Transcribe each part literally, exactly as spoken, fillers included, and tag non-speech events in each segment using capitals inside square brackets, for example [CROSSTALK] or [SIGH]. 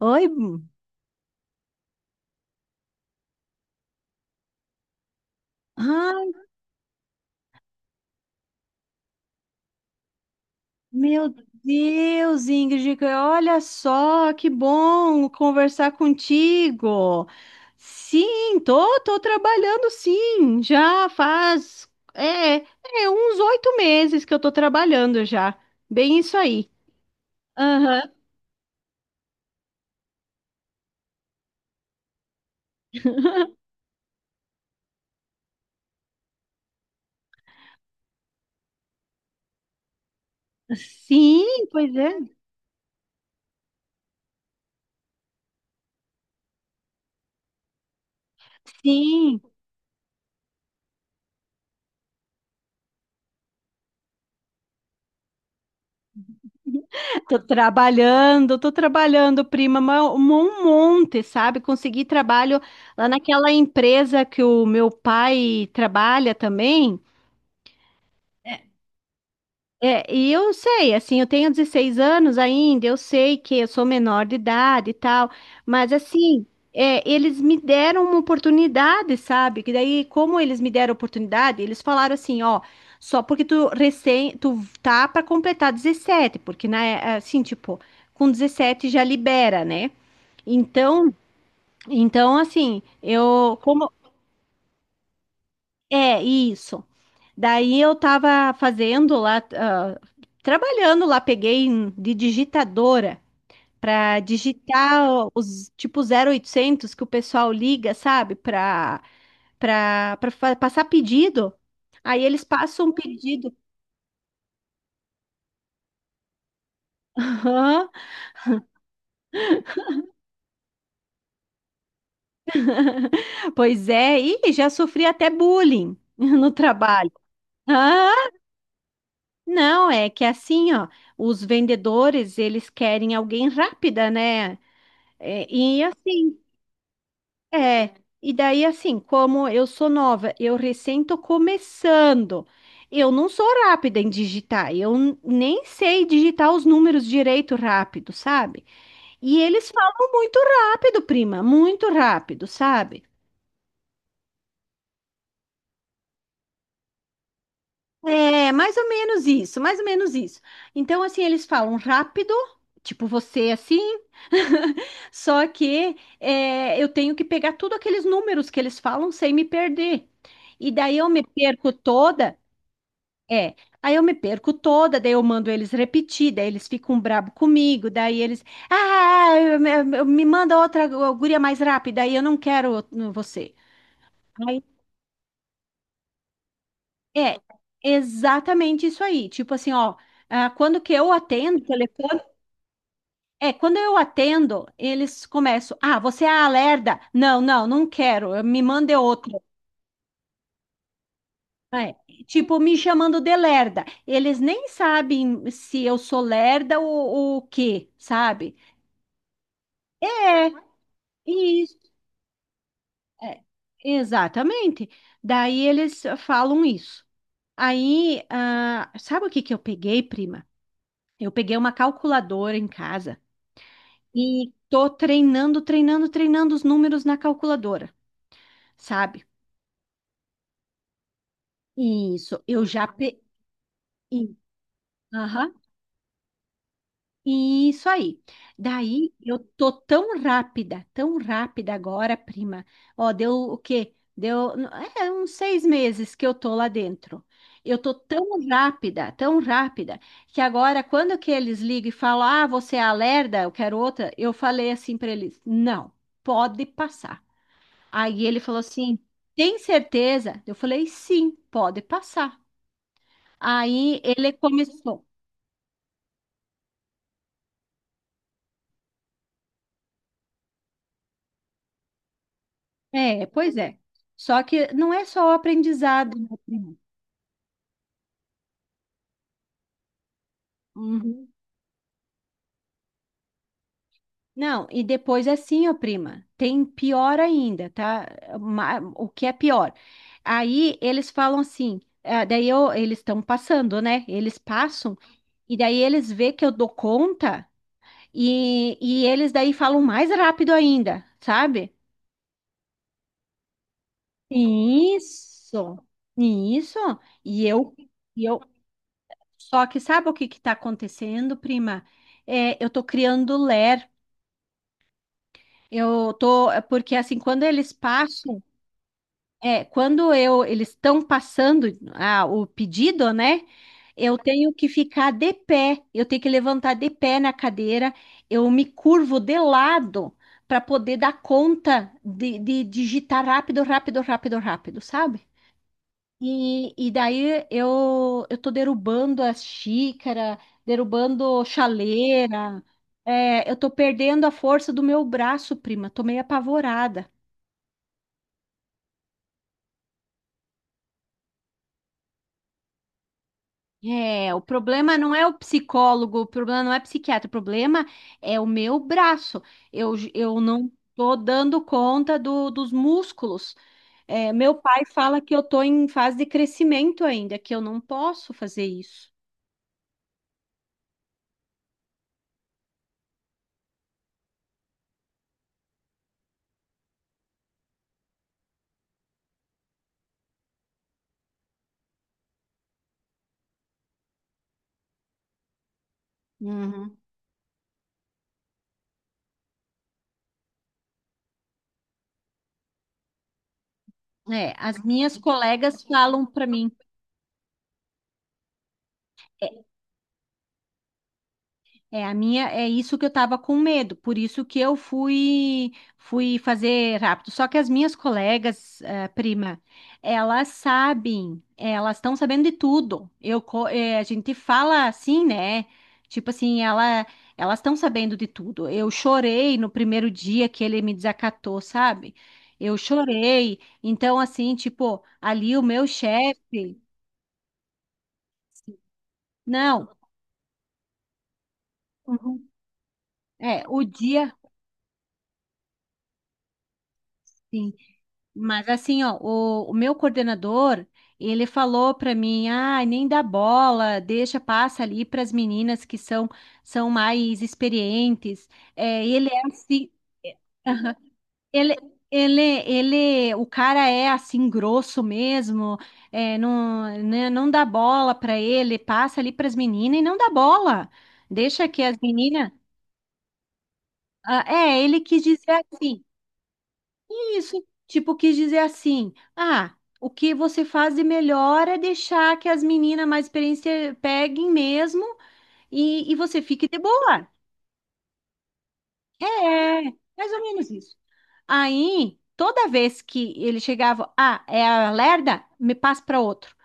Oi? Bu- Ai, meu Deus, Ingrid, olha só, que bom conversar contigo. Sim, tô, tô trabalhando sim, já faz é, é, uns oito meses que eu tô trabalhando já. Bem isso aí. Aham. Sim, pois é. Sim. Tô trabalhando, tô trabalhando, prima, ma- um monte, sabe? Consegui trabalho lá naquela empresa que o meu pai trabalha também. É, e eu sei, assim, eu tenho dezesseis anos ainda, eu sei que eu sou menor de idade e tal, mas assim, é, eles me deram uma oportunidade, sabe? Que daí, como eles me deram oportunidade, eles falaram assim, ó, só porque tu recém, tu tá pra completar dezessete, porque na, é, assim, tipo, com dezessete já libera, né? Então, então assim, eu como é, isso. Daí eu tava fazendo lá, ah, trabalhando lá, peguei em- de digitadora para digitar os tipo zero oitocentos que o pessoal liga, sabe, para para para passar pedido. Aí eles passam um pedido. Aham, pois é, e já sofri até bullying [LAUGHS] no trabalho. Ah, não, é que é assim, ó, os vendedores, eles querem alguém rápida, né? É, e assim, é, e daí assim, como eu sou nova, eu recém tô começando. Eu não sou rápida em digitar, eu n- nem sei digitar os números direito rápido, sabe? E eles falam muito rápido, prima, muito rápido, sabe? É, mais ou menos isso, mais ou menos isso. Então, assim, eles falam rápido, tipo você assim, [LAUGHS] só que é, eu tenho que pegar tudo aqueles números que eles falam sem me perder. E daí eu me perco toda. É, aí eu me perco toda, daí eu mando eles repetir, daí eles ficam brabo comigo, daí eles, ah, eu- eu- eu- me manda outra gu- guria mais rápida, aí eu não quero o- você. Aí, é, exatamente isso aí, tipo assim, ó, ah, quando que eu atendo o telefone, é, quando eu atendo, eles começam, ah, você é a lerda, não, não, não quero, me manda é outra. É, tipo, me chamando de lerda. Eles nem sabem se eu sou lerda ou ou o quê, sabe? É, isso, é, exatamente. Daí eles falam isso. Aí, ah, sabe o que que eu peguei, prima? Eu peguei uma calculadora em casa e tô treinando, treinando, treinando os números na calculadora, sabe? Isso, eu já peguei. E isso aí. Daí eu tô tão rápida, tão rápida agora, prima. Ó, deu o quê? Deu, n- é, uns seis meses que eu tô lá dentro. Eu tô tão rápida, tão rápida, que agora, quando que eles ligam e falam, ah, você é a Lerda, eu quero outra, eu falei assim para eles, não, pode passar. Aí ele falou assim, tem certeza? Eu falei, sim, pode passar. Aí ele começou. É, pois é. Só que não é só o aprendizado, né, prima? Uhum. Não, e depois assim, ó, prima, tem pior ainda, tá? Ma- O que é pior? Aí eles falam assim, ah, daí eu- eles estão passando, né? Eles passam, e daí eles vê que eu dou conta, e, e eles daí falam mais rápido ainda, sabe? Isso, isso. E eu, e eu Só que sabe o que que tá acontecendo, prima? É, eu tô criando ler. Eu tô, é, porque assim, quando eles passam, é, quando eu, eles estão passando ah, o pedido, né? Eu tenho que ficar de pé, eu tenho que levantar de pé na cadeira, eu me curvo de lado para poder dar conta de, de digitar rápido, rápido, rápido, rápido, sabe? E, e daí eu, eu tô derrubando as xícaras, derrubando chaleira. É, eu tô perdendo a força do meu braço, prima. Tô meio apavorada. É, o problema não é o psicólogo, o problema não é psiquiatra, o problema é o meu braço. Eu, j- eu não tô dando conta do, dos músculos. É, meu pai fala que eu tô em fase de crescimento ainda, que eu não posso fazer isso. Uhum. É, as minhas colegas falam para mim. É, a minha é isso que eu tava com medo, por isso que eu fui fui fazer rápido. Só que as minhas colegas, eh, prima, elas sabem, elas estão sabendo de tudo. Eu co- eh, a gente fala assim, né? Tipo assim, ela elas estão sabendo de tudo. Eu chorei no primeiro dia que ele me desacatou, sabe? Eu chorei. Então assim, tipo, ali o meu chefe, não, uhum, é, o dia sim. Mas assim, ó, o, o meu coordenador, ele falou para mim, ah, nem dá bola, deixa, passa ali para as meninas que são são mais experientes. É, ele é assim, ele, ele, ele, o cara é assim grosso mesmo, é, não, né, não dá bola para ele, passa ali para as meninas e não dá bola, deixa que as meninas. Ah, é, ele quis dizer assim. Isso, tipo, quis dizer assim, ah, o que você faz de melhor é deixar que as meninas mais experientes peguem mesmo e, e você fique de boa. É, mais ou menos isso. Aí, toda vez que ele chegava, ah, é a Lerda, me passa para outro.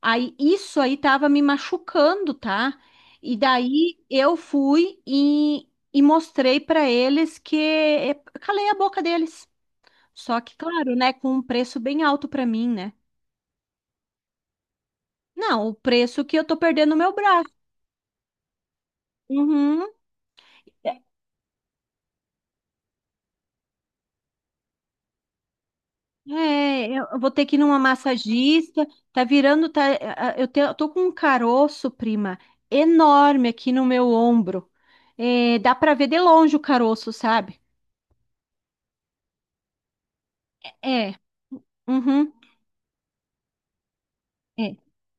Aí, isso aí tava me machucando, tá? E daí eu fui e, e mostrei para eles que é, calei a boca deles. Só que, claro, né, com um preço bem alto para mim, né? Não, o preço que eu tô perdendo o meu braço. Uhum. É, eu vou ter que ir numa massagista. Tá virando, tá, a- eu te- eu tô com um caroço, prima, enorme aqui no meu ombro. É, dá pra ver de longe o caroço, sabe? É, uhum, é.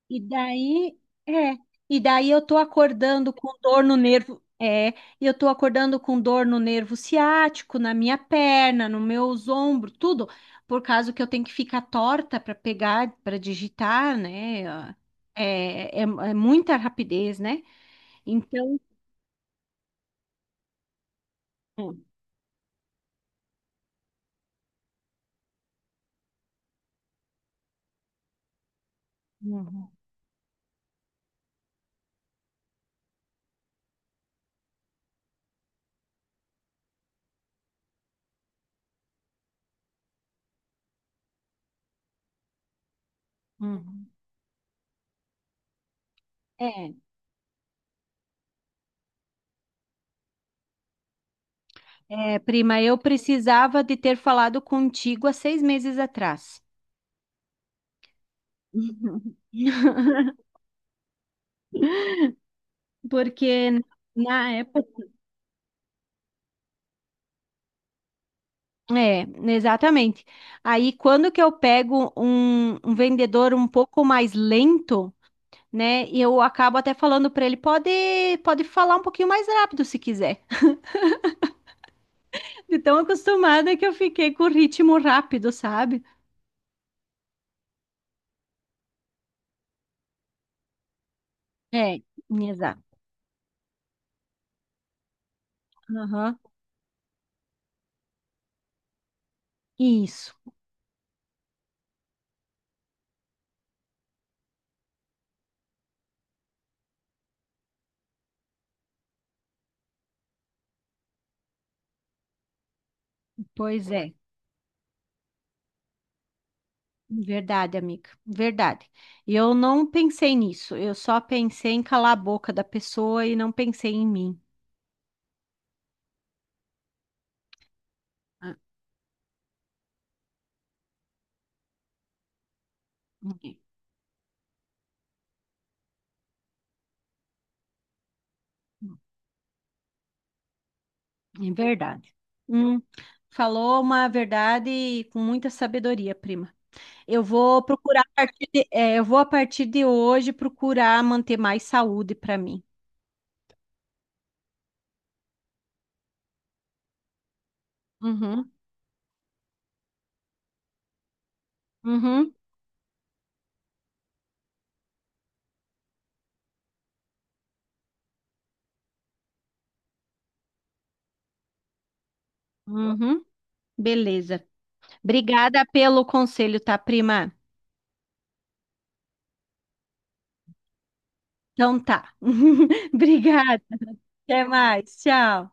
E daí, é, e daí eu tô acordando com dor no nervo, é, e eu tô acordando com dor no nervo ciático, na minha perna, nos meus ombros, tudo, por causa que eu tenho que ficar torta para pegar, para digitar, né? É, é, é muita rapidez, né? Então, uhum, uhum, é, é, prima, eu precisava de ter falado contigo há seis meses atrás. [LAUGHS] Porque na época é, exatamente. Aí quando que eu pego um, um vendedor um pouco mais lento, né? E eu acabo até falando para ele, pode, pode falar um pouquinho mais rápido se quiser. [LAUGHS] De tão acostumada que eu fiquei com o ritmo rápido, sabe? É, exato. Aham. Isso. Pois é. Verdade, amiga. Verdade. E eu não pensei nisso. Eu só pensei em calar a boca da pessoa e não pensei em mim. Ah, ok. É verdade. Hum, falou uma verdade com muita sabedoria, prima. Eu vou procurar a partir de, é, eu vou a partir de hoje procurar manter mais saúde para mim. Uhum, uhum, uhum. Beleza. Obrigada pelo conselho, tá, prima? Então tá. [LAUGHS] Obrigada. Até mais. Tchau.